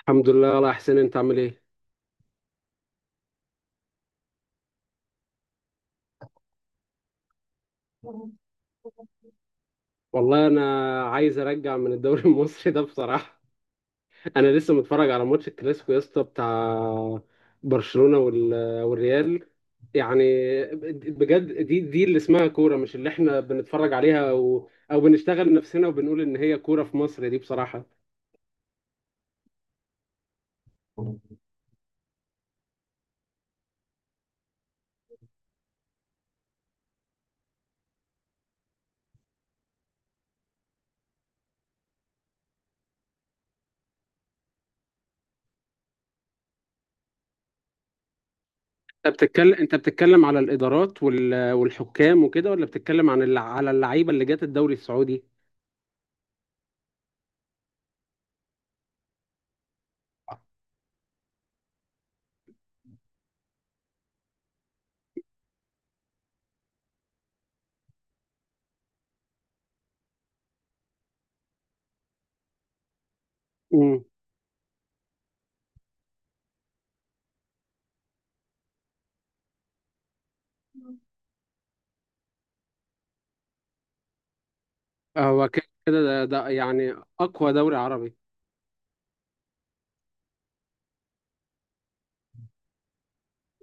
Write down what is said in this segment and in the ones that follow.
الحمد لله والله يا حسين، انت عامل ايه؟ مم. والله انا عايز ارجع من الدوري المصري ده بصراحه. انا لسه متفرج على ماتش الكلاسيكو يا اسطى، بتاع برشلونه والريال، يعني. بجد، دي اللي اسمها كوره، مش اللي احنا بنتفرج عليها او بنشتغل نفسنا وبنقول ان هي كوره في مصر، دي بصراحه. انت بتتكلم على الادارات والحكام وكده، ولا بتتكلم عن على اللعيبه اللي جت الدوري السعودي؟ امم هو كده كده ده يعني اقوى دوري عربي.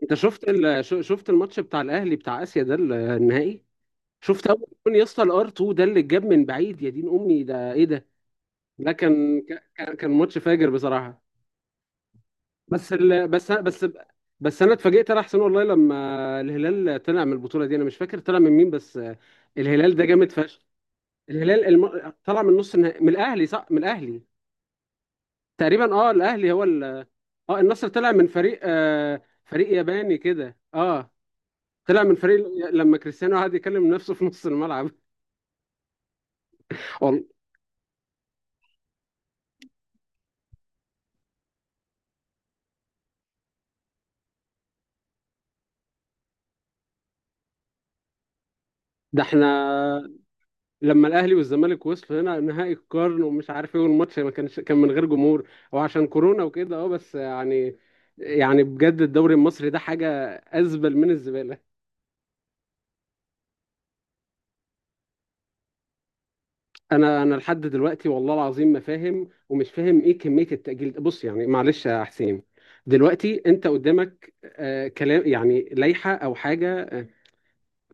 انت شفت شفت الماتش بتاع الاهلي بتاع اسيا ده، النهائي؟ شفت اول جون يا اسطى، الار 2 ده اللي اتجاب من بعيد؟ يا دين امي، ده ايه ده؟ ده كان ماتش فاجر بصراحه. بس ال... بس بس بس انا اتفاجئت، انا احسن والله، لما الهلال طلع من البطوله دي. انا مش فاكر طلع من مين، بس الهلال ده جامد فشخ. الهلال طلع من نص النهائي من الاهلي، صح؟ من الاهلي، تقريبا، اه، الاهلي هو ال اه النصر طلع من فريق، فريق ياباني كده، اه. طلع من فريق لما كريستيانو قعد يكلم نفسه في نص الملعب. والله، ده احنا لما الاهلي والزمالك وصلوا هنا نهائي القرن ومش عارف ايه، والماتش ما كانش، كان من غير جمهور. هو عشان كورونا وكده، اه، بس يعني، يعني بجد الدوري المصري ده حاجة أزبل من الزبالة. انا لحد دلوقتي والله العظيم ما فاهم، ومش فاهم ايه كميه التاجيل ده. بص يعني، معلش يا حسين، دلوقتي انت قدامك كلام يعني، لائحه او حاجه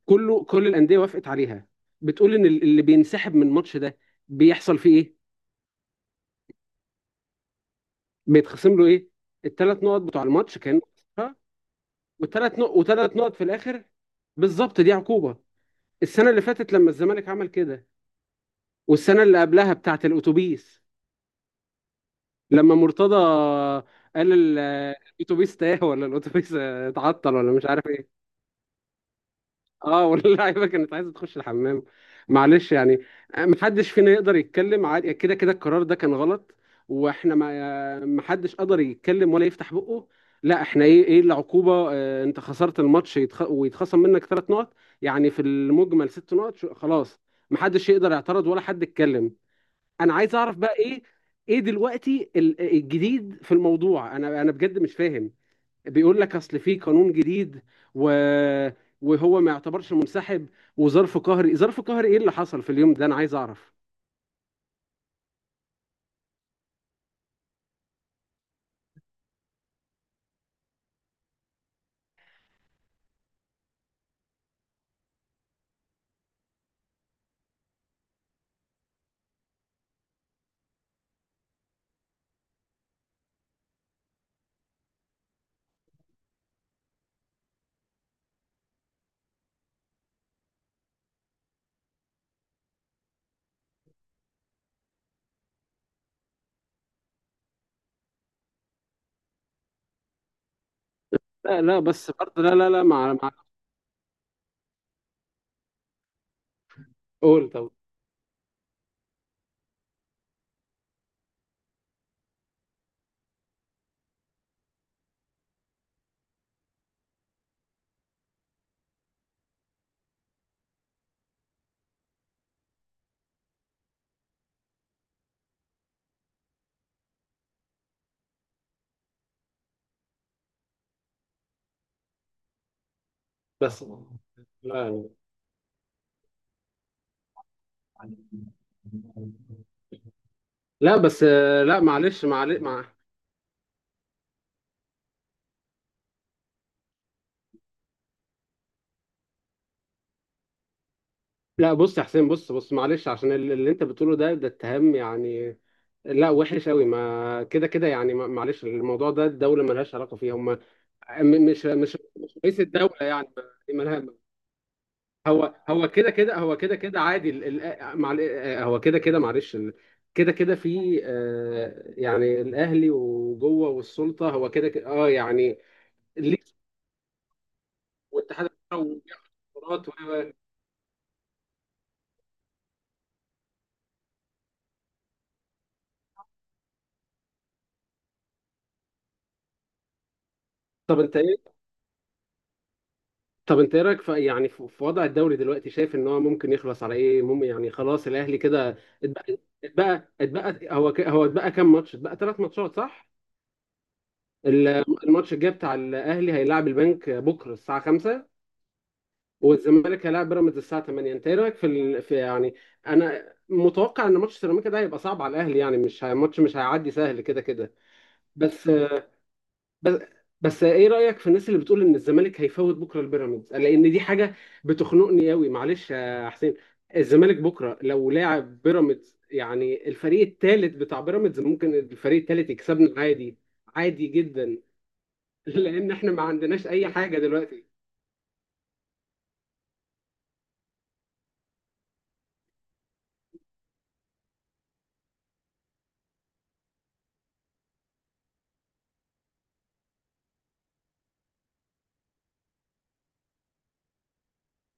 كله، كل الانديه وافقت عليها، بتقول ان اللي بينسحب من الماتش ده بيحصل فيه ايه؟ بيتخصم له ايه؟ الثلاث نقط بتوع الماتش كان، والثلاث نقط، وثلاث نقط في الاخر. بالظبط، دي عقوبه. السنه اللي فاتت لما الزمالك عمل كده، والسنه اللي قبلها بتاعه الاتوبيس، لما مرتضى قال الاتوبيس تاه، ولا الاتوبيس اتعطل، ولا مش عارف ايه. اه، واللعيبه كانت عايزه تخش الحمام. معلش يعني، محدش فينا يقدر يتكلم. عادي، كده كده القرار ده كان غلط، واحنا ما محدش قدر يتكلم ولا يفتح بقه. لا، احنا ايه العقوبه؟ انت خسرت الماتش، ويتخصم منك 3 نقط، يعني في المجمل 6 نقط. خلاص، محدش يقدر يعترض ولا حد يتكلم. انا عايز اعرف بقى ايه، ايه دلوقتي الجديد في الموضوع؟ انا بجد مش فاهم. بيقول لك اصل في قانون جديد، و وهو ما يعتبرش منسحب وظرف قهري. ظرف قهري ايه اللي حصل في اليوم ده؟ انا عايز اعرف. لا لا، بس برضه، لا لا لا، مع. قول طب. بس، لا لا، بس آه، لا، معلش لا، بص يا حسين، بص معلش، عشان اللي انت بتقوله ده، اتهام يعني، لا وحش قوي. ما كده كده يعني، ما- معلش، الموضوع ده الدوله ملهاش علاقه فيه، هم مش رئيس الدوله يعني، ما- مالها. هو كده كده، هو كده كده عادي، هو كده كده، معلش كده كده في، يعني الاهلي وجوه والسلطه، هو كده كده، اه، يعني، ليه؟ والاتحاد والقرارات. طب انت ايه طب انت ايه رايك في، يعني في وضع الدوري دلوقتي؟ شايف ان هو ممكن يخلص على ايه؟ مم، يعني خلاص الاهلي كده اتبقى، هو اتبقى كام ماتش؟ اتبقى 3 ماتشات، صح؟ ال- الماتش الجاي بتاع الاهلي هيلاعب البنك بكره الساعه 5، والزمالك هيلاعب بيراميدز الساعه 8. انت ايه رايك في يعني، انا متوقع ان ماتش سيراميكا ده هيبقى صعب على الاهلي. يعني مش هي... ماتش مش هيعدي سهل كده كده. بس بس بس ايه رأيك في الناس اللي بتقول ان الزمالك هيفوت بكره البيراميدز، لان دي حاجة بتخنقني قوي. معلش يا حسين، الزمالك بكره لو لاعب بيراميدز يعني الفريق الثالث بتاع بيراميدز، ممكن الفريق الثالث يكسبنا عادي، عادي جدا. لان احنا ما عندناش اي حاجة دلوقتي.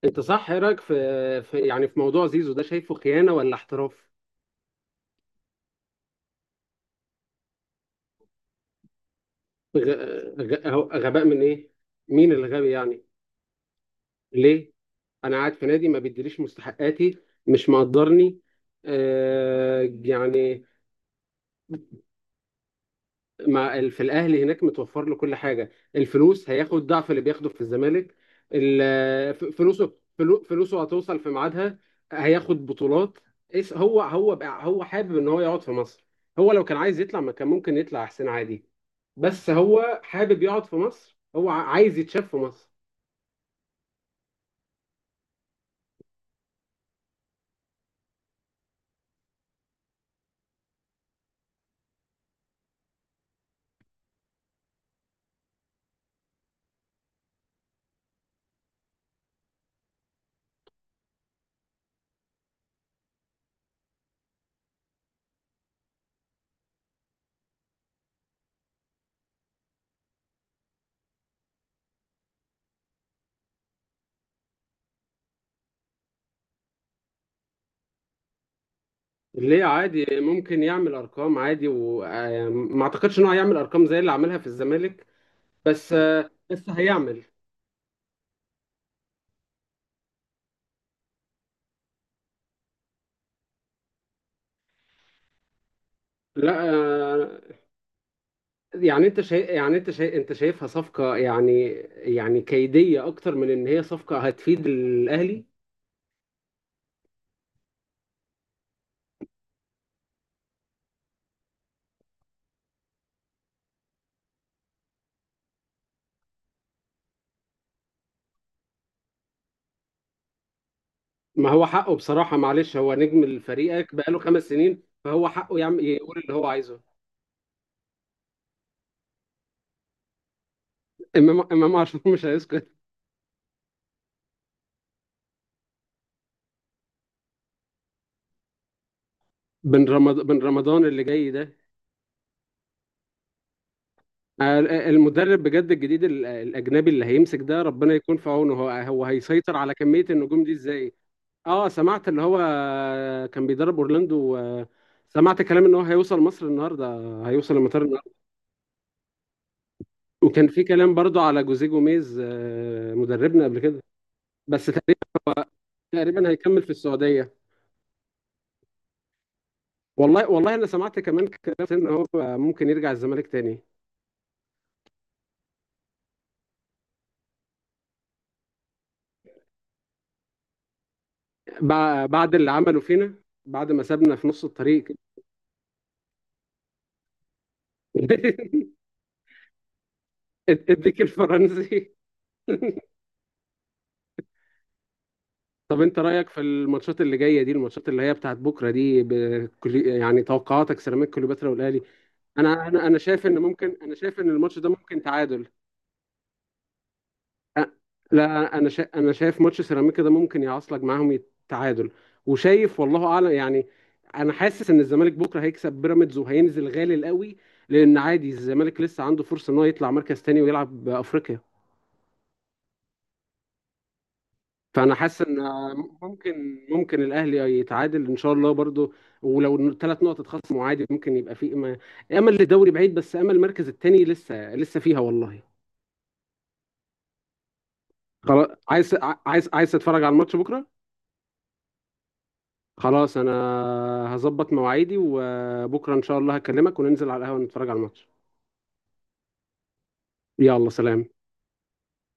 انت صح، ايه رأيك في يعني في موضوع زيزو ده؟ شايفه خيانة ولا احتراف؟ غ... غباء من ايه؟ مين اللي غبي يعني؟ ليه؟ انا قاعد في نادي ما بيديليش مستحقاتي، مش مقدرني، يعني. في الاهلي هناك متوفر له كل حاجه، الفلوس هياخد ضعف اللي بياخده في الزمالك. فلوسه هتوصل في ميعادها، هياخد بطولات. هو حابب ان هو يقعد في مصر. هو لو كان عايز يطلع، ما كان ممكن يطلع احسن عادي؟ بس هو حابب يقعد في مصر، هو عايز يتشاف في مصر. ليه؟ عادي ممكن يعمل ارقام، عادي، وما اعتقدش ان هو هيعمل ارقام زي اللي عملها في الزمالك، بس هيعمل. لا، يعني انت شايف يعني انت شايف انت شايفها صفقة، يعني يعني كيدية، اكتر من ان هي صفقة هتفيد الاهلي؟ ما هو حقه بصراحة، معلش، هو نجم فريقك بقاله 5 سنين، فهو حقه يعمل يقول اللي هو عايزه. امام عاشور مش هيسكت. بن رمضان اللي جاي ده، المدرب بجد الجديد، الاجنبي اللي هيمسك ده، ربنا يكون في عونه. هو هيسيطر على كميه النجوم دي ازاي؟ اه، سمعت اللي هو كان بيدرب اورلاندو، سمعت كلام ان هو هيوصل مصر النهارده، هيوصل المطار النهارده. وكان في كلام برضو على جوزيه جوميز، مدربنا قبل كده، بس تقريبا هيكمل في السعوديه. والله والله انا سمعت كمان كلام ان هو ممكن يرجع الزمالك تاني، بعد اللي عمله فينا، بعد ما سابنا في نص الطريق. الديك الفرنسي. طب انت رأيك في الماتشات اللي جاية دي، الماتشات اللي هي بتاعت بكرة دي، يعني توقعاتك سيراميكا كليوباترا والأهلي. انا شايف ان الماتش ده ممكن تعادل. أ- لا، انا شايف ماتش سيراميكا ده ممكن يعصلك معاهم تعادل، وشايف والله اعلم يعني. انا حاسس ان الزمالك بكرة هيكسب بيراميدز وهينزل غالي قوي، لان عادي الزمالك لسه عنده فرصة ان هو يطلع مركز تاني ويلعب بأفريقيا. فانا حاسس ان ممكن الاهلي يتعادل ان شاء الله برضو، ولو 3 نقط اتخصموا عادي ممكن يبقى في امل، امل للدوري بعيد، بس امل المركز الثاني لسه فيها والله. خلاص، عايز تتفرج على الماتش بكره؟ خلاص، انا هظبط مواعيدي وبكره ان شاء الله هكلمك وننزل على القهوه نتفرج على الماتش. يلا سلام.